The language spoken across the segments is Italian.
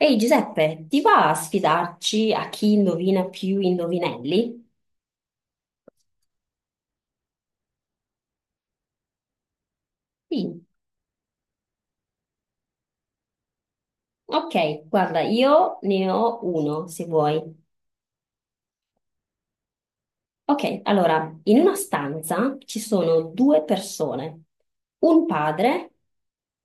Ehi Giuseppe, ti va a sfidarci a chi indovina più indovinelli? Sì. Ok, guarda, io ne ho uno se vuoi. Ok, allora, in una stanza ci sono due persone, un padre,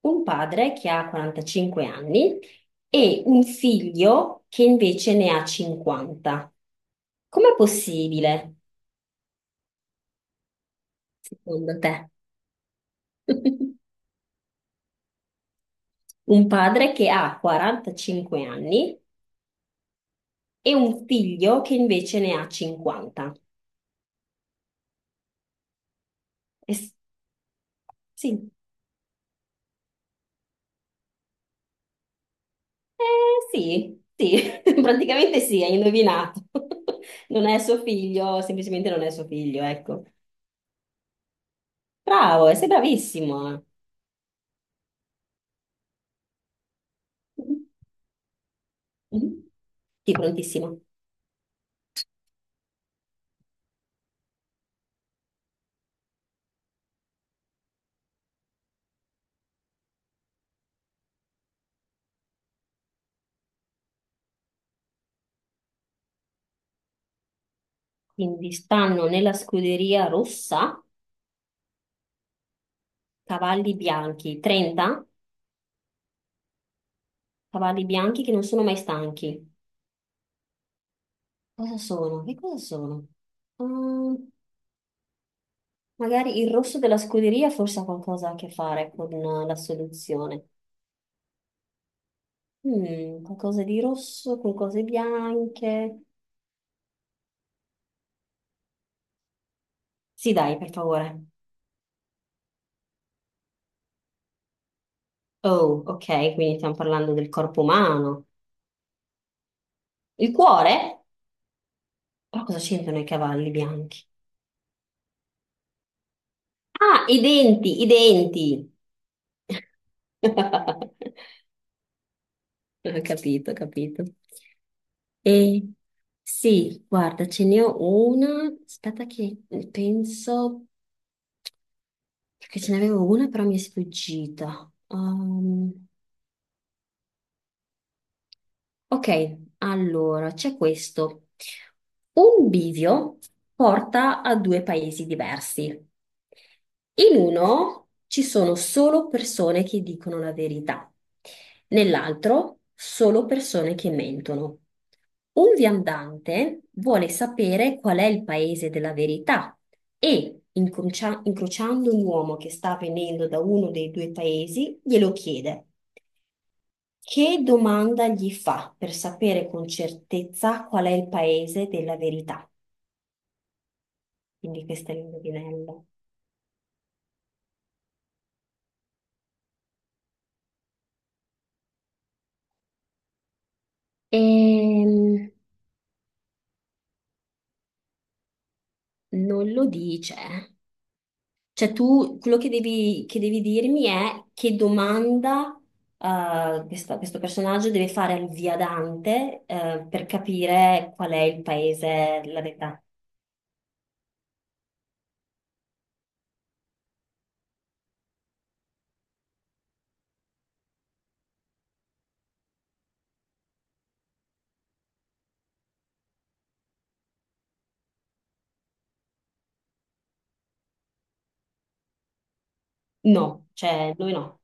un padre che ha 45 anni e un figlio che invece ne ha 50. Com'è possibile, secondo te? Un padre che ha 45 anni e un figlio che invece ne ha 50. E s- sì, eh, sì, praticamente sì, hai indovinato. Non è suo figlio, semplicemente non è suo figlio, ecco. Bravo, sei bravissimo. Mhm, mhm. Sì, prontissimo. Quindi stanno nella scuderia rossa cavalli bianchi, 30 cavalli bianchi che non sono mai stanchi. Cosa sono? Che cosa sono? Ah, magari il rosso della scuderia forse ha qualcosa a che fare con la soluzione. Mm, qualcosa di rosso con cose bianche. Sì, dai, per favore. Oh, ok, quindi stiamo parlando del corpo umano. Il cuore? Però cosa c'entrano i cavalli bianchi? Ah, i denti, i denti. Ho capito, ho capito. E sì, guarda, ce n'è una. Aspetta che penso. Perché ce n'avevo una però mi è sfuggita. Ok, allora c'è questo. Un bivio porta a due paesi diversi. In uno ci sono solo persone che dicono la verità, nell'altro solo persone che mentono. Un viandante vuole sapere qual è il paese della verità e, incrociando un uomo che sta venendo da uno dei due paesi, glielo chiede. Che domanda gli fa per sapere con certezza qual è il paese della verità? Quindi questo è l'indovinello. Ehm, non lo dice. Cioè tu, quello che devi dirmi è che domanda questo personaggio deve fare al viadante per capire qual è il paese della verità. No, cioè lui no.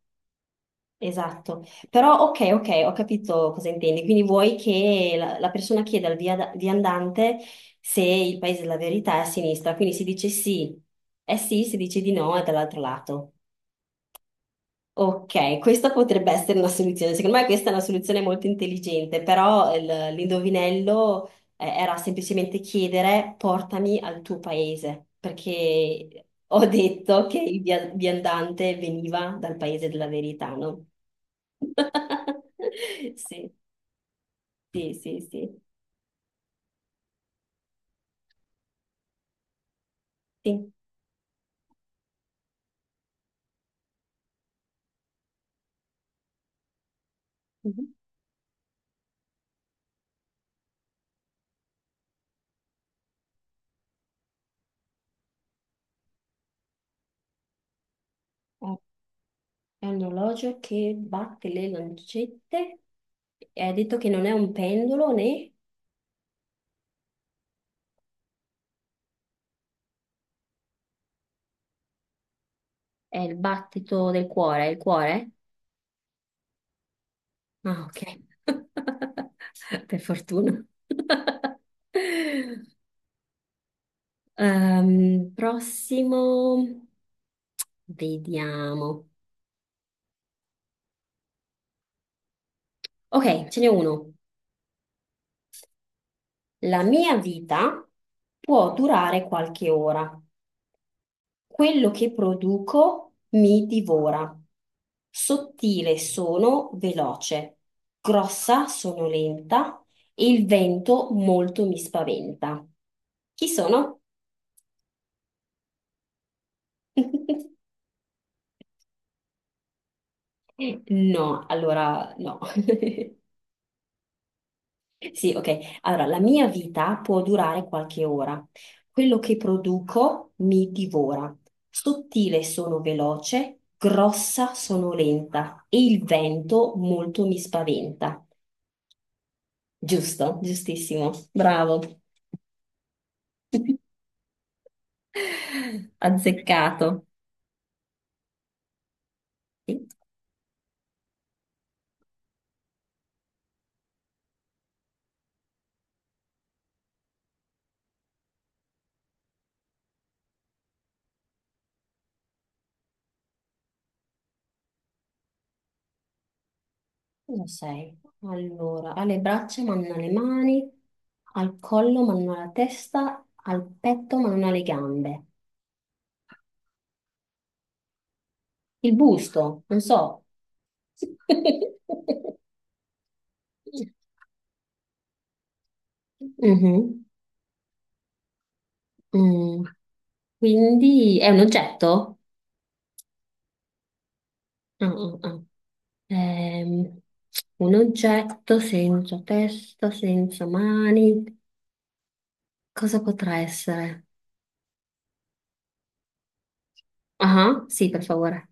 Esatto, però ok, ok, ho capito cosa intendi. Quindi vuoi che la persona chieda al viandante se il paese della verità è a sinistra, quindi si dice sì, è sì, si dice di no, è dall'altro lato. Ok, questa potrebbe essere una soluzione. Secondo me questa è una soluzione molto intelligente, però l'indovinello era semplicemente chiedere portami al tuo paese, perché ho detto che il viandante veniva dal paese della verità, no? Sì, sì, sì, sì, sì. Mhm. Eh, è un orologio che batte le lancette. E hai detto che non è un pendolo né è il battito del cuore, è il cuore? Ah, ok. Per fortuna. Prossimo, vediamo. Ok, ce n'è uno. La mia vita può durare qualche ora. Quello che produco mi divora. Sottile sono veloce, grossa sono lenta e il vento molto mi spaventa. Chi sono? No, allora no. Sì, ok. Allora, la mia vita può durare qualche ora. Quello che produco mi divora. Sottile sono veloce, grossa sono lenta e il vento molto mi spaventa. Giusto, giustissimo, bravo, azzeccato. Sì, cosa sei? Allora, alle braccia ma non alle mani, al collo ma non alla testa, al petto ma non alle gambe. Il busto, non so. Mhm, mm. Quindi è un oggetto? Ah, ah, ah. Ehm, un oggetto senza testa, senza mani. Cosa potrà essere? Ah, sì, per favore.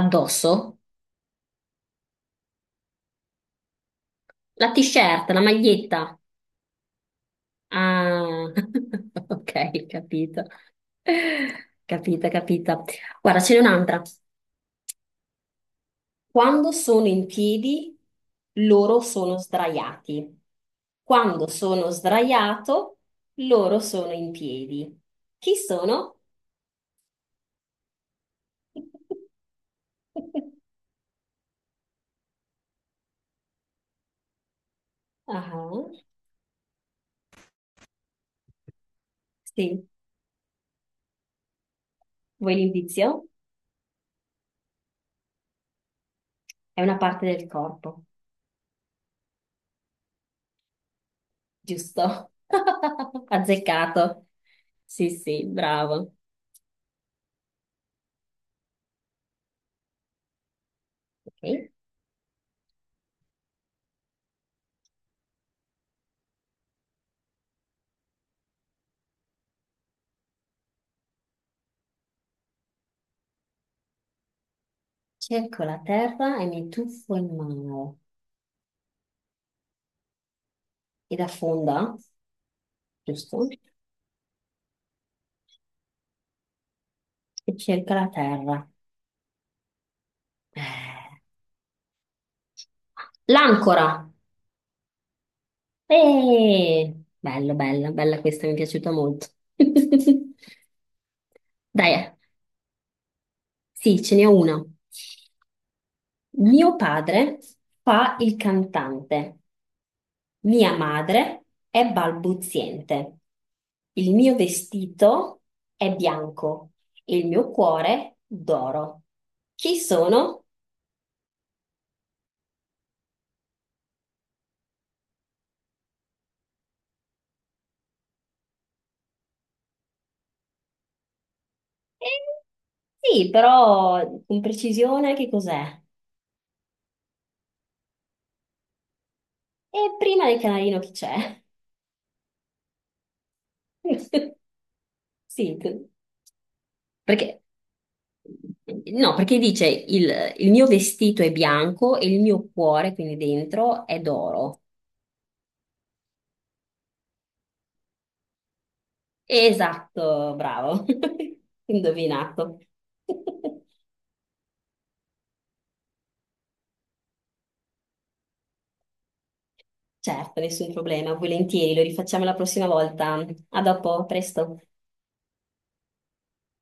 Addosso? La t-shirt, la maglietta. Ah, ok, capito. Capita, capita. Guarda, ce n'è un'altra. Quando sono in piedi, loro sono sdraiati. Quando sono sdraiato, loro sono in piedi. Chi sono? Ah, sì, vuoi l'indizio? È una parte del corpo. Giusto. Azzeccato. Sì, sì, bravo. Ok. Cerco la terra e mi tuffo in mare. Ed affonda, giusto? E cerca la terra. Eh, L'ancora. Eh, bello, bella, bella questa, mi è piaciuta molto. Dai, sì, ce n'è una. Mio padre fa il cantante. Mia madre è balbuziente. Il mio vestito è bianco e il mio cuore d'oro. Chi sono? Eh, sì, però con precisione che cos'è? E prima del canarino chi c'è? Sì, perché no, perché dice il mio vestito è bianco e il mio cuore, quindi dentro, è d'oro. Esatto, bravo. Indovinato. Certo, nessun problema, volentieri, lo rifacciamo la prossima volta. A dopo, presto.